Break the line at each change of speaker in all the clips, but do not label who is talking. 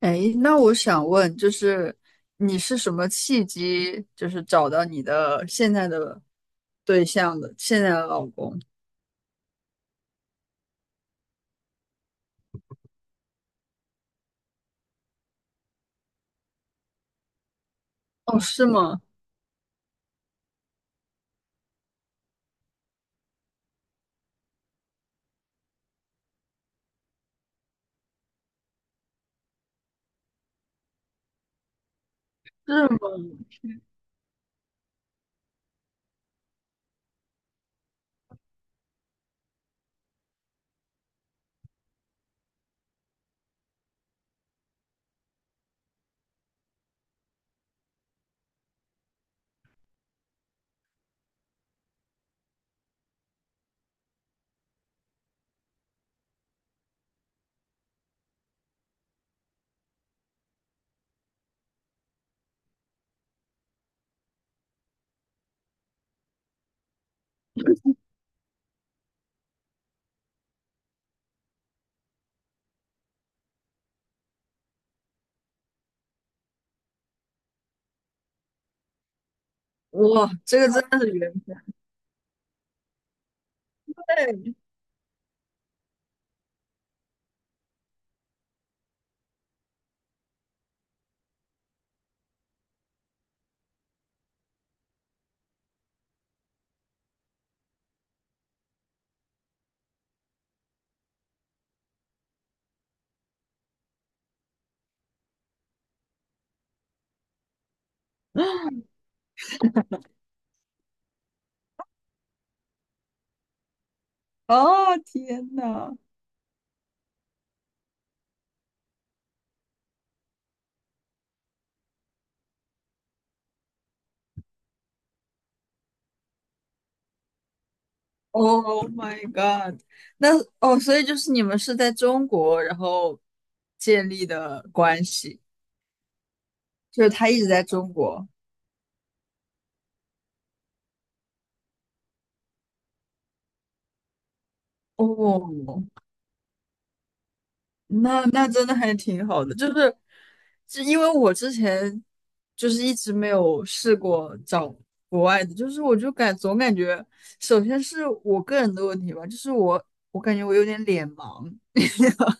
哎，那我想问，就是你是什么契机，就是找到你的现在的对象的，现在的老公？哦，是吗？是吗？哇，这个真的是缘分。对，哦，天呐 o h my God！那哦，所以就是你们是在中国，然后建立的关系，就是他一直在中国。哦，那那真的还挺好的，就是，就因为我之前就是一直没有试过找国外的，就是我就感总感觉，首先是我个人的问题吧，就是我感觉我有点脸盲，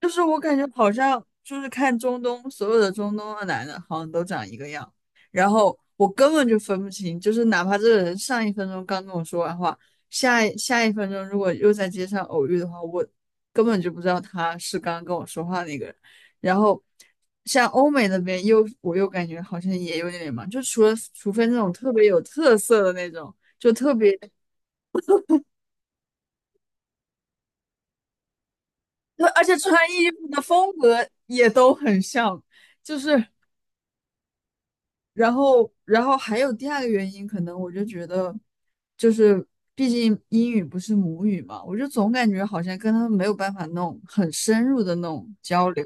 就是我感觉好像就是看中东，所有的中东的男的好像都长一个样，然后我根本就分不清，就是哪怕这个人上一分钟刚跟我说完话，下一分钟如果又在街上偶遇的话，我根本就不知道他是刚刚跟我说话那个人。然后像欧美那边我又感觉好像也有点忙，就除非那种特别有特色的那种，就特别，而且穿衣服的风格也都很像，就是。然后，然后还有第二个原因，可能我就觉得，就是毕竟英语不是母语嘛，我就总感觉好像跟他们没有办法弄很深入的那种交流。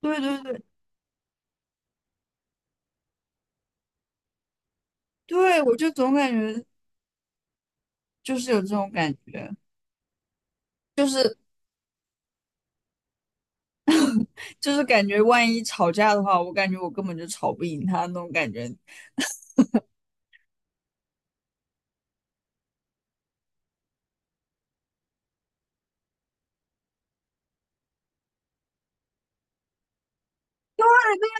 对对对对，我就总感觉就是有这种感觉，就是感觉万一吵架的话，我感觉我根本就吵不赢他那种感觉。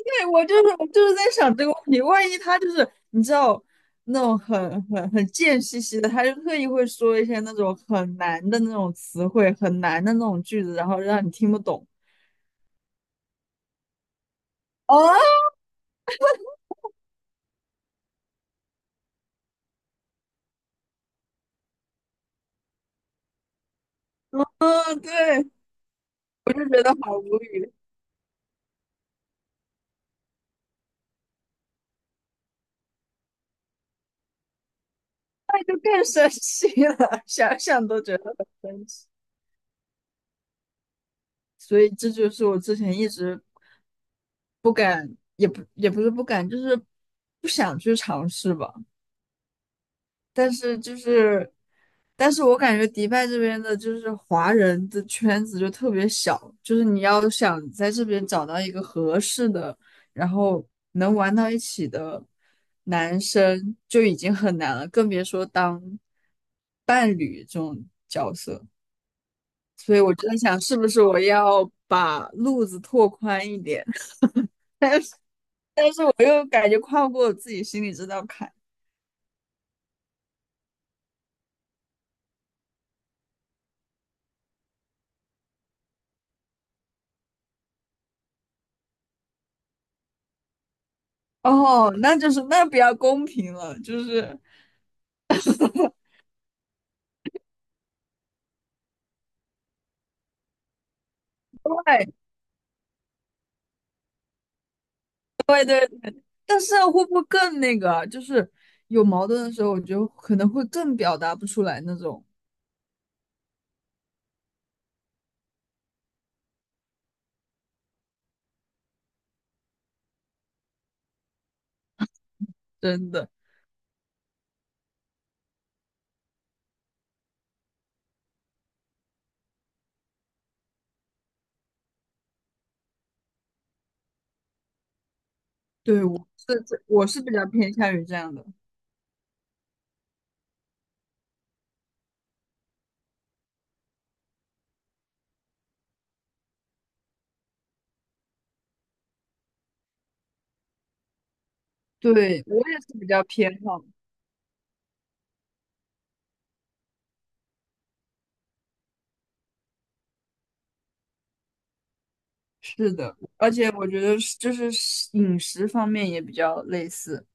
对，我就是在想这个问题，万一他就是你知道那种很贱兮兮的，他就特意会说一些那种很难的那种词汇，很难的那种句子，然后让你听不懂。哦，嗯，对，我就觉得好无语，那就更生气了，想想都觉得很生气。所以这就是我之前一直也不是不敢，就是不想去尝试吧。但是就是，但是我感觉迪拜这边的就是华人的圈子就特别小，就是你要想在这边找到一个合适的，然后能玩到一起的男生就已经很难了，更别说当伴侣这种角色。所以我就在想，是不是我要把路子拓宽一点？我又感觉跨不过我自己心里这道坎。哦，那就是那比较公平了，就是 但是啊会不会更那个啊？就是有矛盾的时候，我觉得可能会更表达不出来那种。真的，对，我是比较偏向于这样的，对我也是比较偏好。是的，而且我觉得是就是饮食方面也比较类似。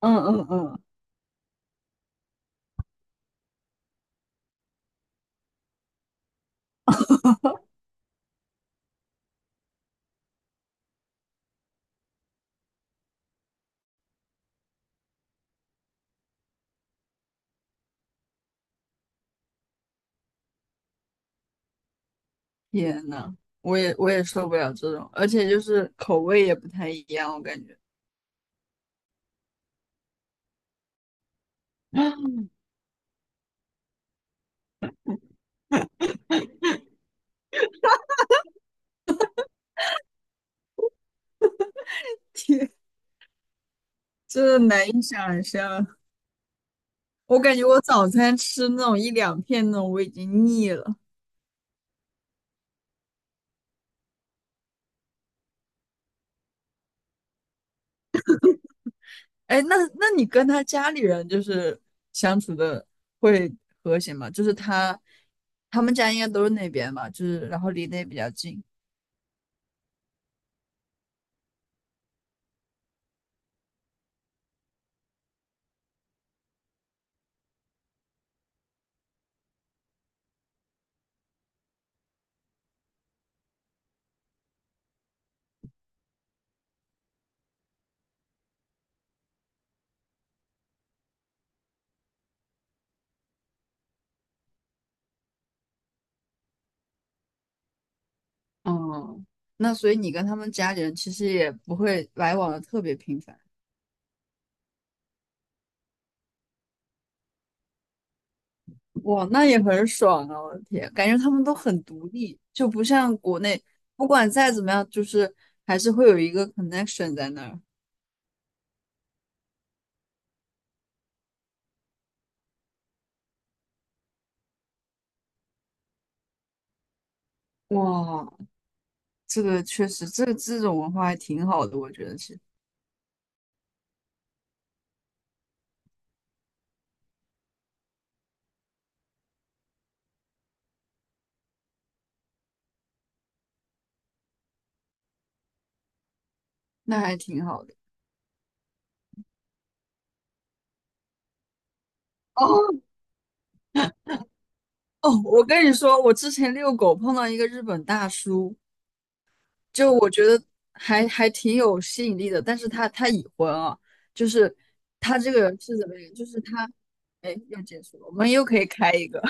嗯嗯嗯，天呐，我也受不了这种，而且就是口味也不太一样，我感觉真的难以想象。我感觉我早餐吃那种一两片那种，我已经腻了。哎，那那你跟他家里人就是相处的会和谐吗？就是他他们家应该都是那边吧，就是然后离得也比较近，哦。那所以你跟他们家里人其实也不会来往的特别频繁。哇，那也很爽啊！我的天，感觉他们都很独立，就不像国内，不管再怎么样，就是还是会有一个 connection 在那儿。哇，这个确实，这种文化还挺好的，我觉得是，那还挺好的。哦，哦，我跟你说，我之前遛狗碰到一个日本大叔，就我觉得还挺有吸引力的，但是他已婚啊，就是他这个人是怎么样？就是他，哎，又结束了，我们又可以开一个。